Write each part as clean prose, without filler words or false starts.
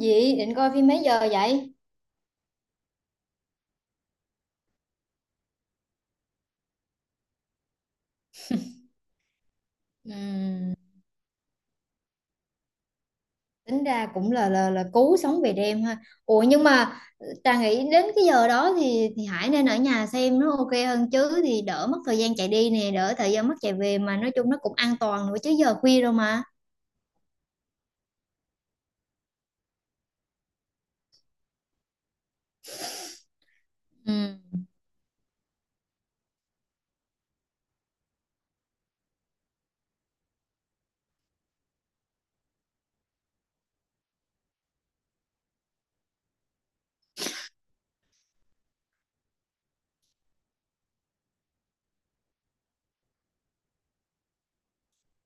Dị định coi phim mấy giờ vậy? Ừm, tính ra cũng là cứu sống về đêm ha. Ủa nhưng mà Trà nghĩ đến cái giờ đó thì Hải nên ở nhà xem nó ok hơn chứ, thì đỡ mất thời gian chạy đi nè, đỡ thời gian mất chạy về, mà nói chung nó cũng an toàn nữa chứ giờ khuya rồi mà. Ừ.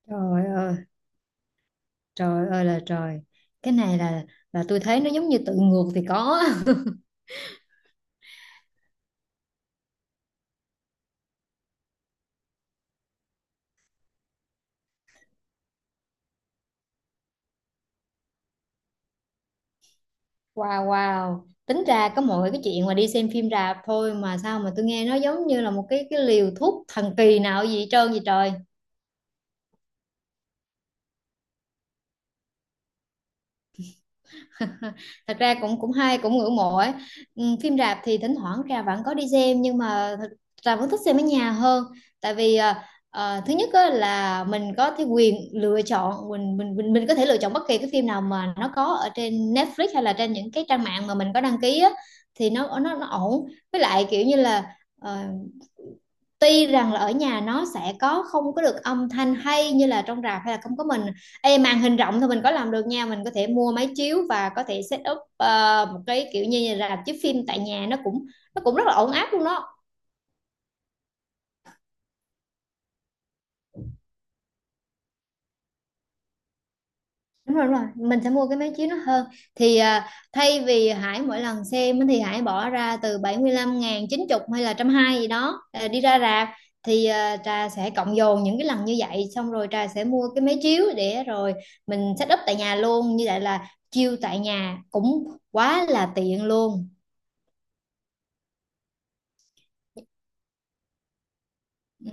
Trời ơi, trời ơi là trời. Cái này là tôi thấy nó giống như tự ngược thì có. Wow, wow. Tính ra có mọi cái chuyện mà đi xem phim rạp thôi mà sao mà tôi nghe nó giống như là một cái liều thuốc thần kỳ nào gì hết trơn vậy trời. Thật ra cũng cũng hay cũng ngưỡng mộ ấy. Ừ, phim rạp thì thỉnh thoảng trà vẫn có đi xem, nhưng mà thật, trà vẫn thích xem ở nhà hơn. Tại vì thứ nhất á, là mình có cái quyền lựa chọn, mình mình có thể lựa chọn bất kỳ cái phim nào mà nó có ở trên Netflix hay là trên những cái trang mạng mà mình có đăng ký á, thì nó nó ổn. Với lại kiểu như là ờ, tuy rằng là ở nhà nó sẽ có không có được âm thanh hay như là trong rạp, hay là không có mình. Ê, màn hình rộng thì mình có làm được nha, mình có thể mua máy chiếu và có thể set up một cái kiểu như là chiếu phim tại nhà, nó cũng rất là ổn áp luôn đó. Đúng rồi, đúng rồi, mình sẽ mua cái máy chiếu nó hơn. Thì thay vì Hải mỗi lần xem thì Hải bỏ ra từ 75.000, 90 hay là 120 gì đó đi ra rạp, thì Trà sẽ cộng dồn những cái lần như vậy, xong rồi Trà sẽ mua cái máy chiếu để rồi mình set up tại nhà luôn. Như vậy là chiêu tại nhà cũng quá là tiện luôn. Ừ.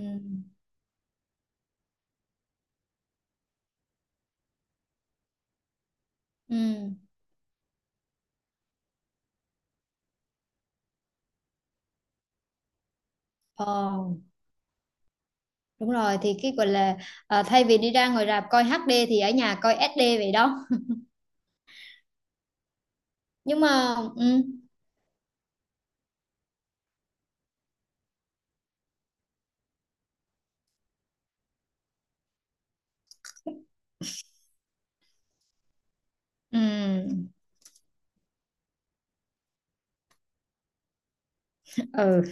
Ừ. Ờ, đúng rồi, thì cái gọi là thay vì đi ra ngoài rạp coi HD thì ở nhà coi SD vậy đó. Nhưng mà ừ. Ừ ừ,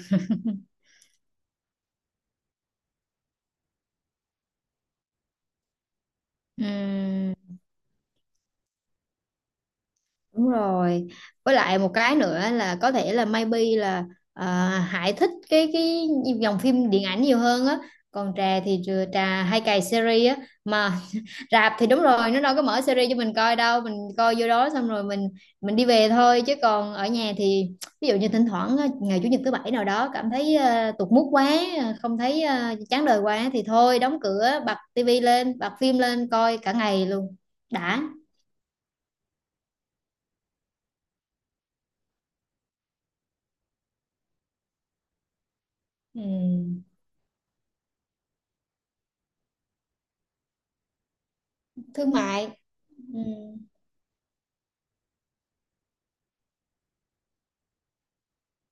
ừ. Đúng rồi. Với lại một cái nữa là có thể là maybe là Hải thích cái dòng phim điện ảnh nhiều hơn á. Còn Trà thì Trà hay cày series á mà. Rạp thì đúng rồi, nó đâu có mở series cho mình coi đâu, mình coi vô đó xong rồi mình đi về thôi. Chứ còn ở nhà thì ví dụ như thỉnh thoảng á, ngày chủ nhật thứ bảy nào đó cảm thấy tụt mood quá, không thấy, chán đời quá, thì thôi đóng cửa bật tivi lên, bật phim lên coi cả ngày luôn, đã. Ừ. Thương mại. Ừ,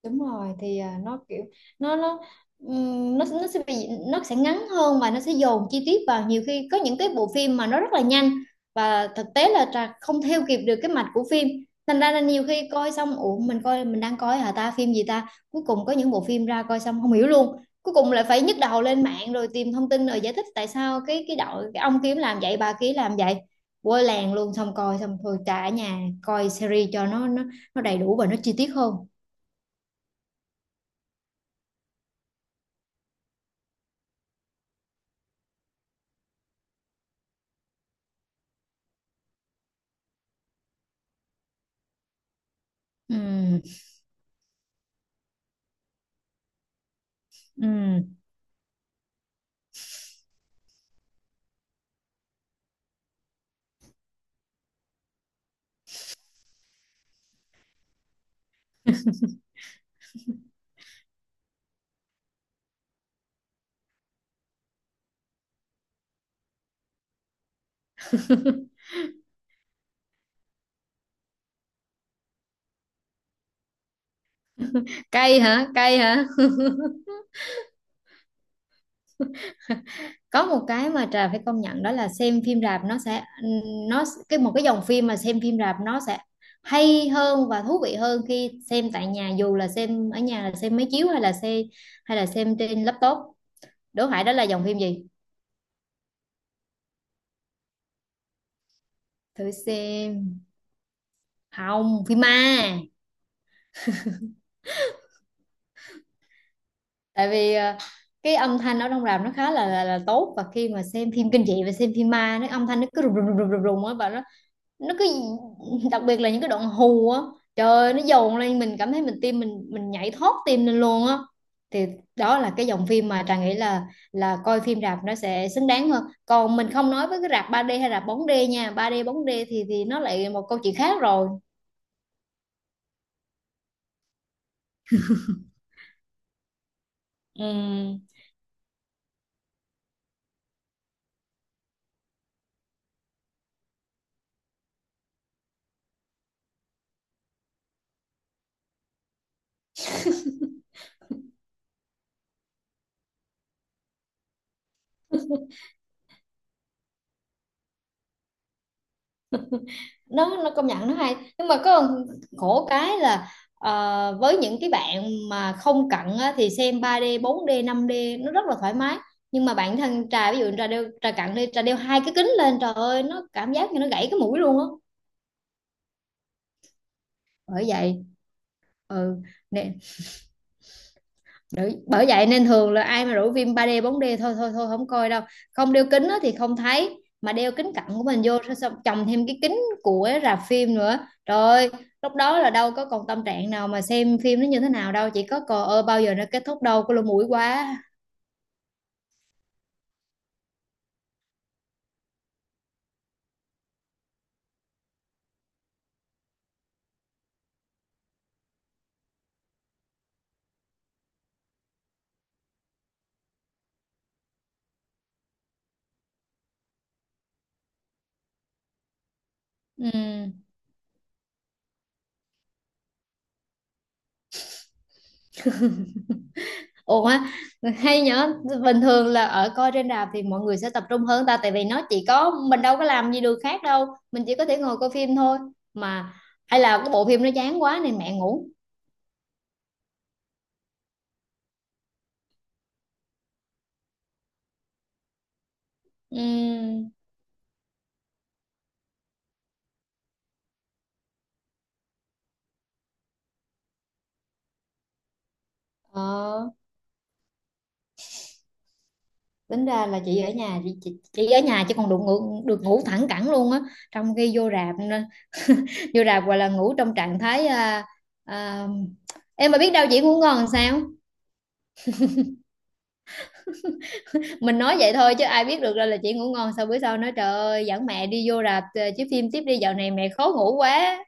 đúng rồi, thì nó kiểu nó nó sẽ bị nó sẽ ngắn hơn, và nó sẽ dồn chi tiết vào. Nhiều khi có những cái bộ phim mà nó rất là nhanh, và thực tế là Trà không theo kịp được cái mạch của phim. Thành ra là nhiều khi coi xong, ủa mình coi, mình đang coi hả ta, phim gì ta. Cuối cùng có những bộ phim ra coi xong không hiểu luôn, cuối cùng lại phải nhức đầu lên mạng rồi tìm thông tin rồi giải thích tại sao cái đội, cái ông kiếm làm vậy, bà kia làm vậy, quơ làng luôn. Xong coi xong, thôi trả ở nhà coi series cho nó nó đầy đủ và nó chi tiết hơn. Ừ, ừ. Cay hả, cay hả? Có một cái mà Trà phải công nhận, đó là xem phim rạp nó sẽ nó một cái dòng phim mà xem phim rạp nó sẽ hay hơn và thú vị hơn khi xem tại nhà, dù là xem ở nhà là xem máy chiếu hay là xem, hay là xem trên laptop. Đố Hải đó là dòng phim gì, thử xem. Không, phim ma. Tại vì cái âm thanh ở trong rạp nó khá là là tốt, và khi mà xem phim kinh dị và xem phim ma, nó âm thanh nó cứ rùng rùng rùng rùng rùng á, và nó cứ đặc biệt là những cái đoạn hù á, trời ơi, nó dồn lên, mình cảm thấy mình tim mình nhảy thót tim lên luôn á. Thì đó là cái dòng phim mà Trà nghĩ là coi phim rạp nó sẽ xứng đáng hơn. Còn mình không nói với cái rạp 3D hay rạp 4D nha, 3D 4D thì nó lại một câu chuyện khác rồi. Ừ. nó công nhận nó hay, nhưng mà có khổ cái là với những cái bạn mà không cận á, thì xem 3D 4D 5D nó rất là thoải mái. Nhưng mà bản thân trà, ví dụ trà đeo, trà cận đi, trà đeo hai cái kính lên, trời ơi nó cảm giác như nó gãy cái mũi luôn á. Bởi vậy. Ừ. Nè. Đấy, bởi vậy nên thường là ai mà rủ phim 3D 4D, thôi thôi thôi không coi đâu. Không đeo kính á thì không thấy, mà đeo kính cận của mình vô, xong xong chồng thêm cái kính của rạp phim nữa, trời ơi, lúc đó là đâu có còn tâm trạng nào mà xem phim nó như thế nào đâu, chỉ có cò ơ bao giờ nó kết thúc, đâu có lỗ mũi quá. Ừ. Ủa. Á, hay nhở. Bình thường là ở coi trên rạp thì mọi người sẽ tập trung hơn ta, tại vì nó chỉ có mình, đâu có làm gì được khác đâu, mình chỉ có thể ngồi coi phim thôi mà. Hay là cái bộ phim nó chán quá nên mẹ ngủ. Ừ. Ờ, tính ra là chị ở nhà chị, chị ở nhà chứ còn được ngủ, được ngủ thẳng cẳng luôn á, trong khi vô rạp nữa. Vô rạp gọi là ngủ trong trạng thái à, em mà biết đâu chị ngủ ngon làm sao. Mình nói vậy thôi chứ ai biết được, ra là chị ngủ ngon. Sao bữa sau nói trời ơi, dẫn mẹ đi vô rạp chiếu phim tiếp đi, dạo này mẹ khó ngủ quá.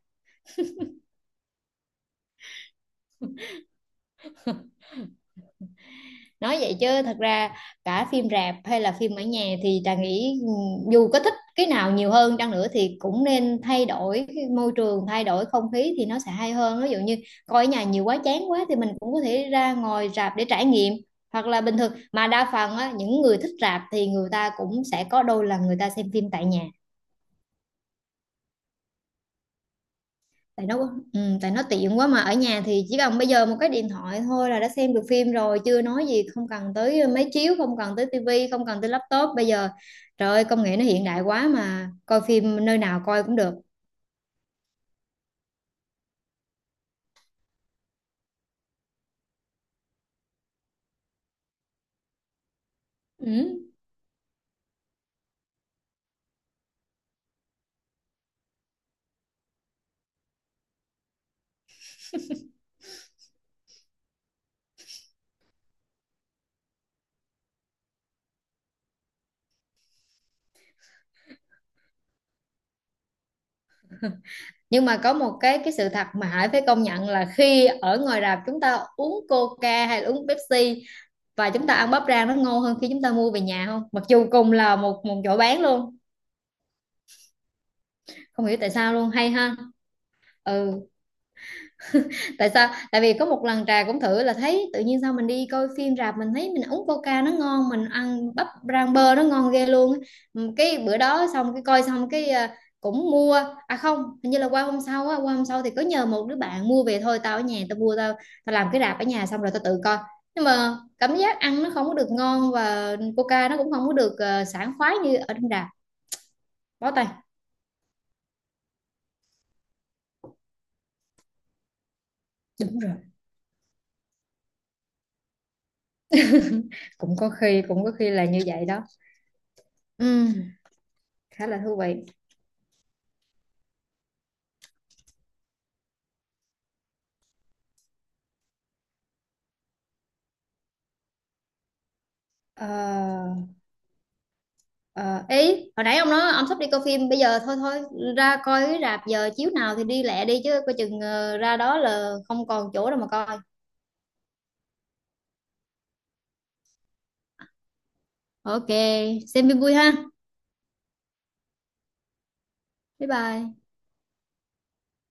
Nói vậy chứ thật ra cả phim rạp hay là phim ở nhà thì Trà nghĩ dù có thích cái nào nhiều hơn chăng nữa thì cũng nên thay đổi cái môi trường, thay đổi không khí thì nó sẽ hay hơn. Ví dụ như coi ở nhà nhiều quá, chán quá thì mình cũng có thể ra ngồi rạp để trải nghiệm. Hoặc là bình thường mà đa phần á, những người thích rạp thì người ta cũng sẽ có đôi lần người ta xem phim tại nhà. Tại nó, ừ, tại nó tiện quá mà. Ở nhà thì chỉ cần bây giờ một cái điện thoại thôi là đã xem được phim rồi, chưa nói gì không cần tới máy chiếu, không cần tới tivi, không cần tới laptop. Bây giờ trời ơi, công nghệ nó hiện đại quá, mà coi phim nơi nào coi cũng được. Ừ. Nhưng mà có một cái sự thật mà Hải phải công nhận là khi ở ngoài rạp chúng ta uống Coca hay là uống Pepsi và chúng ta ăn bắp rang, nó ngon hơn khi chúng ta mua về nhà, không? Mặc dù cùng là một một chỗ bán luôn. Không hiểu tại sao luôn, hay ha. Ừ. Tại sao, tại vì có một lần trà cũng thử, là thấy tự nhiên sao mình đi coi phim rạp mình thấy mình uống coca nó ngon, mình ăn bắp rang bơ nó ngon ghê luôn á. Ừ, cái bữa đó xong, cái coi xong cái cũng mua, không hình như là qua hôm sau á, qua hôm sau thì có nhờ một đứa bạn mua về, thôi tao ở nhà tao mua, tao tao làm cái rạp ở nhà xong rồi tao tự coi. Nhưng mà cảm giác ăn nó không có được ngon, và coca nó cũng không có được sảng khoái như ở trong rạp. Bó tay. Đúng rồi. Cũng có khi là như vậy đó. Ừ. Khá là thú vị. Ờ, ờ, ý hồi nãy ông nói ông sắp đi coi phim bây giờ, thôi thôi, ra coi cái rạp giờ chiếu nào thì đi lẹ đi, chứ coi chừng ra đó là không còn chỗ đâu mà coi. Ok, xem phim vui ha. Bye bye.